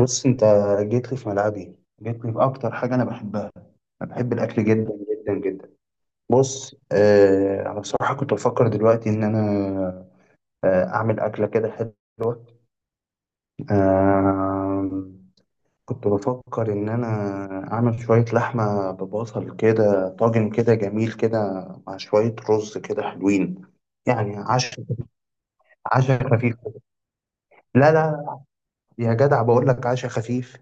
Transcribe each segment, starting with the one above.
بص انت، جيت لي في ملعبي. جيت لي في اكتر حاجه انا بحبها. انا بحب الاكل جدا، جدا جدا. بص انا بصراحه كنت بفكر دلوقتي ان انا اعمل اكله كده حلوه. آه كنت بفكر ان انا اعمل شويه لحمه ببصل كده، طاجن كده جميل كده، مع شويه رز كده حلوين. يعني عشاء خفيف. لا لا، يا جدع بقول لك عشاء خفيف.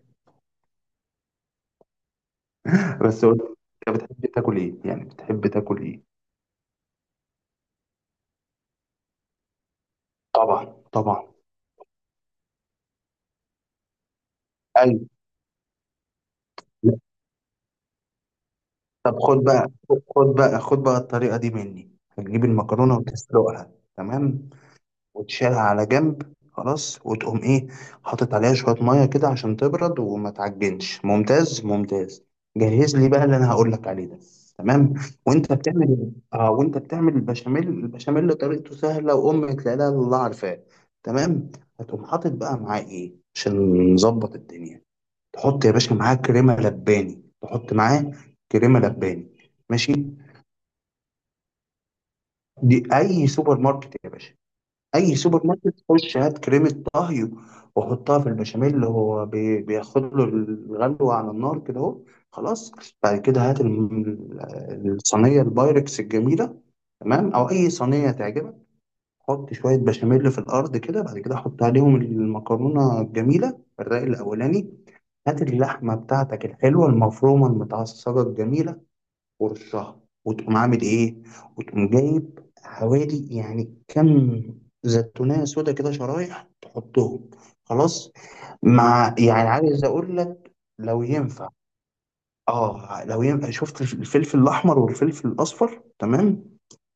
بس قول لي، انت بتحب تاكل ايه؟ يعني بتحب تاكل ايه؟ طبعا، طبعا. ايوه. لا. طب خد بقى، خد بقى خد بقى الطريقه دي مني. هتجيب المكرونه وتسلقها. تمام. وتشيلها على جنب خلاص، وتقوم ايه؟ حاطط عليها شويه ميه كده عشان تبرد وما تعجنش. ممتاز، ممتاز. جهز لي بقى اللي انا هقول لك عليه ده. تمام. وانت بتعمل إيه؟ اه، وانت بتعمل البشاميل. البشاميل طريقته سهله، وامك لا اله الا الله عارفاه. تمام. هتقوم حاطط بقى معاه ايه عشان نظبط الدنيا؟ تحط يا باشا معاه كريمه لباني، تحط معاه كريمه لباني. ماشي. دي اي سوبر ماركت يا باشا. اي سوبر ماركت، خش هات كريمه طهي وحطها في البشاميل اللي هو بياخد له الغلوه على النار كده اهو. خلاص. بعد كده هات الصينيه البايركس الجميله. تمام، او اي صينيه تعجبك. حط شوية بشاميل في الأرض كده، بعد كده حط عليهم المكرونة الجميلة، الرق الأولاني. هات اللحمة بتاعتك الحلوة المفرومة المتعصجة الجميلة ورشها، وتقوم عامل إيه؟ وتقوم جايب حوالي يعني كم زيتونية سودا كده شرايح تحطهم. خلاص. مع، يعني عايز أقول لك لو ينفع، لو ينفع شفت الفلفل الأحمر والفلفل الأصفر؟ تمام.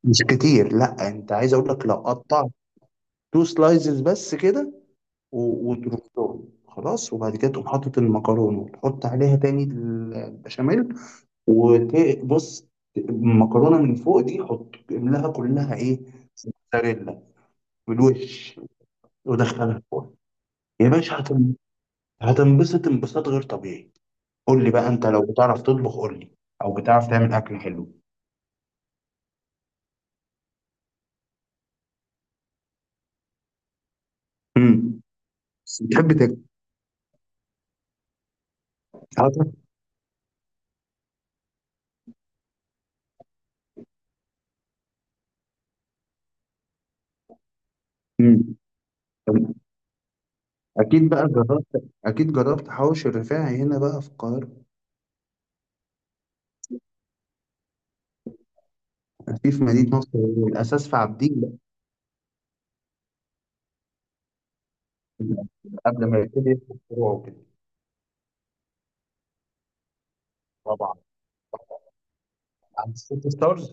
مش كتير، لا، أنت عايز أقول لك لو قطعت تو سلايزز بس كده وترصهم، خلاص. وبعد كده تقوم حاطط المكرونه وتحط عليها تاني البشاميل. وبص، المكرونه من فوق دي حط املاها كلها ايه؟ موتزاريلا بالوش. ودخلها الفرن يا باشا، هتنبسط انبساط غير طبيعي. قول لي بقى انت لو بتعرف تطبخ قول لي، او بتعرف تعمل اكل حلو. امم بتحب تاكل؟ حاضر؟ امم اكيد بقى جربت، اكيد جربت حوش الرفاعي هنا بقى في القاهره. في مدينة نصر. الأساس في عابدين. لا، قبل ما يبتدي يفتح فروع وكده. طبعا. عند سيتي ستارز.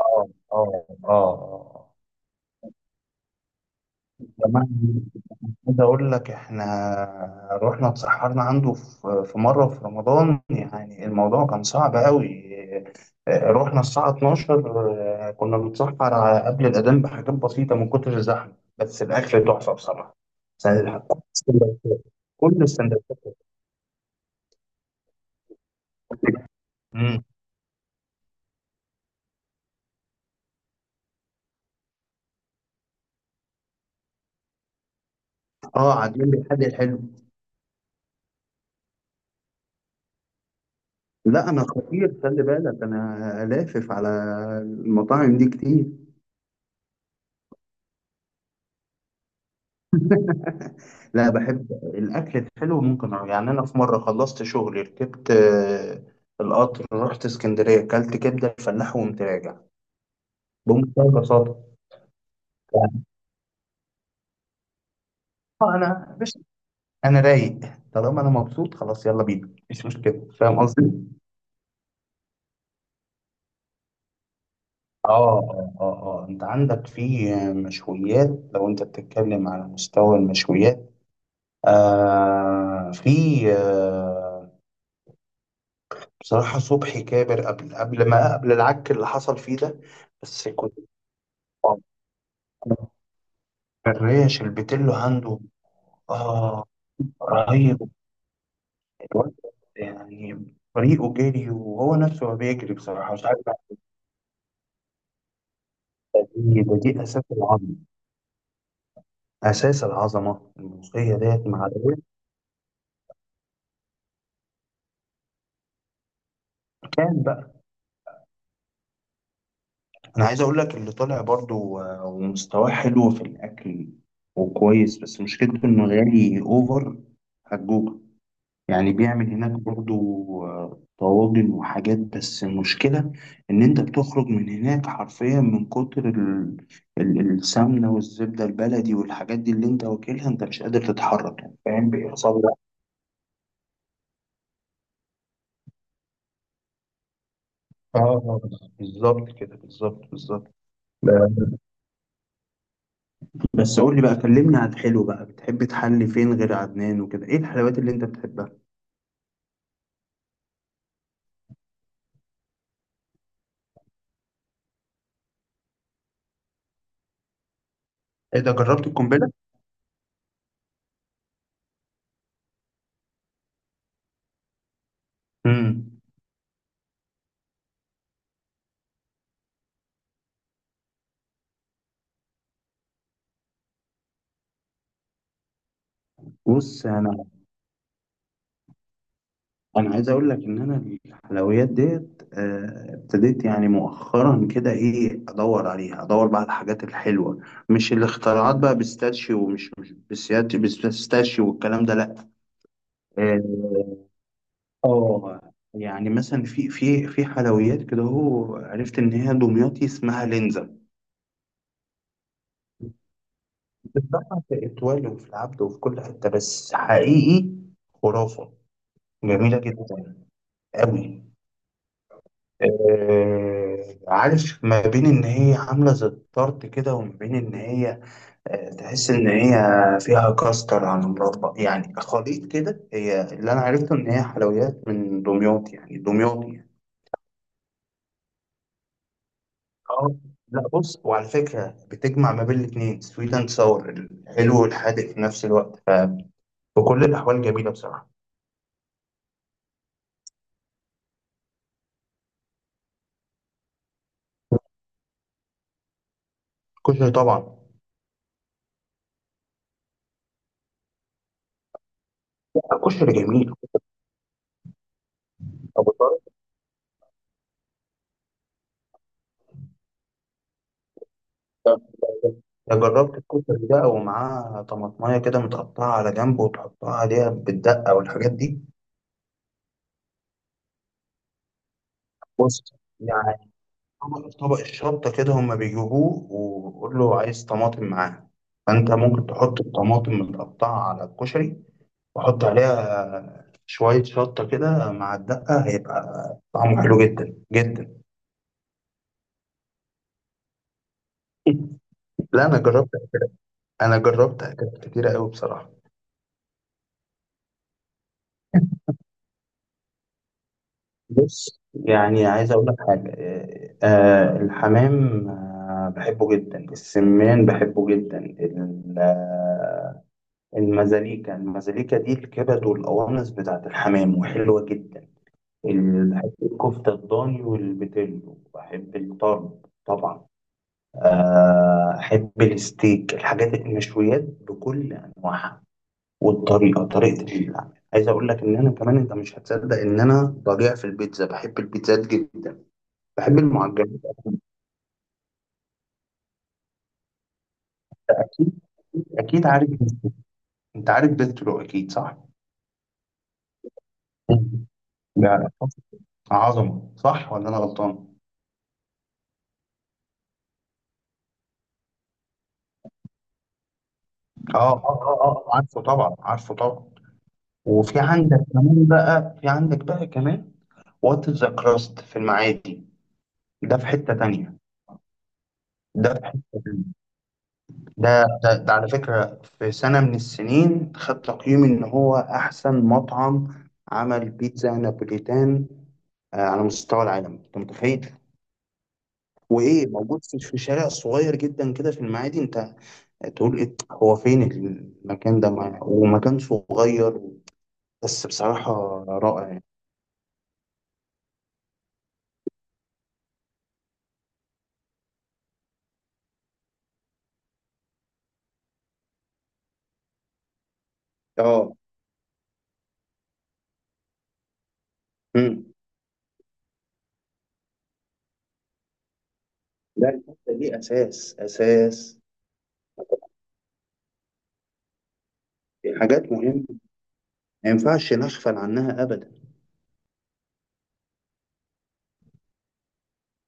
اه اه اه، آه. كمان عايز أقول لك، إحنا رحنا اتسحرنا عنده في مرة في رمضان يعني، الموضوع كان صعب أوي. رحنا الساعة 12، كنا بنتسحر على قبل الأذان بحاجات بسيطة من كتر الزحمة. بس الأكل تحفة بصراحة. سندوتشات- كل السندوتشات. مم. اه، عاملين لي حل حلو. لا انا خطير، خلي بالك انا لافف على المطاعم دي كتير. لا، بحب الاكل الحلو ممكن أروح. يعني انا في مره خلصت شغلي، ركبت القطر، رحت اسكندريه، اكلت كبده الفلاح وقمت راجع بمنتهى البساطه. يعني انا بس، انا رايق. طالما انا مبسوط خلاص يلا بينا، مش مشكله، فاهم قصدي؟ اه اه اه، آه. انت عندك في مشويات. لو انت بتتكلم على مستوى المشويات، في آه بصراحة صبحي كابر، قبل قبل ما قبل العك اللي حصل فيه ده. بس كنت، آه، الريش البتلو عنده آه رهيب. الواد يعني، طريقه جري وهو نفسه ما بيجري بصراحة، مش عارف. دي أساس العظمة. أساس العظمة الموسيقية ديت مع الريش. كان بقى. أنا عايز أقول لك، اللي طالع برضو ومستواه حلو في الأكل وكويس، بس مشكلته إنه غالي أوفر. هتجوع. يعني بيعمل هناك برضو طواجن وحاجات، بس المشكلة إن أنت بتخرج من هناك حرفيا من كتر السمنة والزبدة البلدي والحاجات دي اللي أنت واكلها، أنت مش قادر تتحرك يعني، فاهم بيحصل لك؟ اه، بالظبط كده، بالظبط، بالظبط. لا، بس قول لي بقى، كلمني عن الحلو بقى، بتحب تحلي فين غير عدنان وكده؟ إيه الحلويات اللي أنت بتحبها؟ إيه ده جربت القنبلة؟ امم. بص أنا، انا عايز اقول لك ان انا الحلويات ديت ابتديت يعني مؤخرا كده ايه ادور عليها، ادور بقى على الحاجات الحلوه. مش الاختراعات بقى بيستاشيو، ومش مش بيستاشيو والكلام ده، لا. اه يعني مثلا في حلويات كده، هو عرفت ان هي دمياطي اسمها لينزا. بتتباع في اتوال وفي العبد وفي كل حته، بس حقيقي خرافه، جميله جدا قوي. عارف، ما بين ان هي عامله زي الطرد كده، وما بين ان هي تحس ان هي فيها كاستر على مربى، يعني خليط كده. هي اللي انا عرفته ان هي حلويات من دمياط يعني، دمياطي يعني. اه. لا بص، وعلى فكره بتجمع ما بين الاثنين، سويت اند ساور، الحلو والحادق في نفس الوقت. فبكل الاحوال جميله بصراحه. كشري طبعا. كشري جميل. ده جربت الكشري بقى ومعاه طماطمايه كده متقطعه على جنب وتحطها عليها بالدقه والحاجات دي؟ بص، يعني، طبق الشطه كده هما بيجيبوه، وقول له عايز طماطم معاه، فانت ممكن تحط الطماطم متقطعه على الكشري، وحط عليها شويه شطه كده مع الدقه، هيبقى طعمه حلو جدا، جدا. لا انا جربت، انا جربت اكلات كتيره قوي بصراحه. بص، يعني عايز اقول لك حاجه، الحمام بحبه جدا، السمان بحبه جدا، المزاليكا. المزاليكا دي الكبد والقوانص بتاعت الحمام، وحلوه جدا. بحب الكفته الضاني والبتلو، بحب الطرب طبعا. احب الستيك، الحاجات المشويات بكل انواعها، والطريقه، طريقه العمل. عايز اقول لك ان انا كمان، انت مش هتصدق ان انا بضيع في البيتزا، بحب البيتزا جدا، بحب المعجنات. اكيد. اكيد عارف. انت عارف بيسترو اكيد صح؟ مم. ده عظمه صح ولا انا غلطان؟ اه اه اه اه، عارفه طبعا، عارفه طبعا. وفي عندك كمان بقى، في عندك بقى كمان وات ذا كراست في المعادي، ده في حته تانية، ده في حته تانية. ده ده على فكره في سنه من السنين خد تقييم ان هو احسن مطعم عمل بيتزا نابوليتان على مستوى العالم، انت متخيل؟ وايه موجود في شارع صغير جدا كده في المعادي. انت تقول إيه، هو فين المكان ده ومكان صغير، بس بصراحة رائع يعني. اه. امم. لا الحته دي اساس، اساس. دي حاجات مهمة ما ينفعش نغفل عنها ابدا.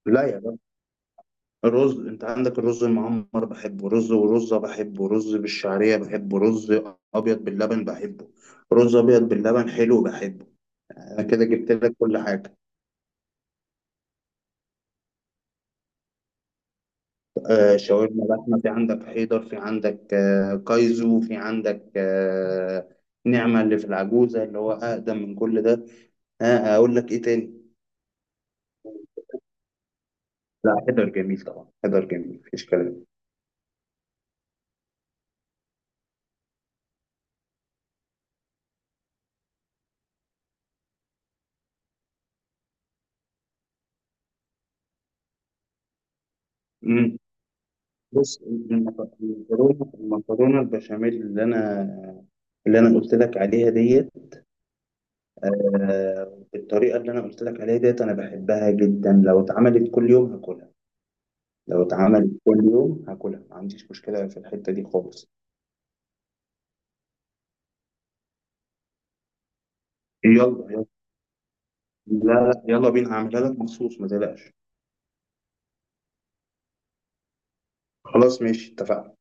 لا يا بابا، الرز، انت عندك الرز المعمر بحبه، رز ورزة بحبه، رز بالشعرية بحبه، رز ابيض باللبن بحبه. رز ابيض باللبن حلو بحبه. انا كده جبت لك كل حاجة. شاورما لحمة، في عندك حيدر، في عندك كايزو، في عندك نعمة اللي في العجوزة اللي هو أقدم من كل ده. أقول لك إيه تاني؟ لا، حيدر جميل طبعا، حيدر جميل مفيش كلام. مم. بص المكرونة البشاميل اللي أنا قلت لك عليها ديت، بالطريقة اللي أنا قلت لك عليها ديت أنا بحبها جدا، لو اتعملت كل يوم هاكلها. لو اتعملت كل يوم هاكلها ما عنديش مشكلة في الحتة دي خالص. يلا، لا لا، يلا بينا هعملها لك مخصوص، ما تقلقش. خلاص ماشي، اتفقنا.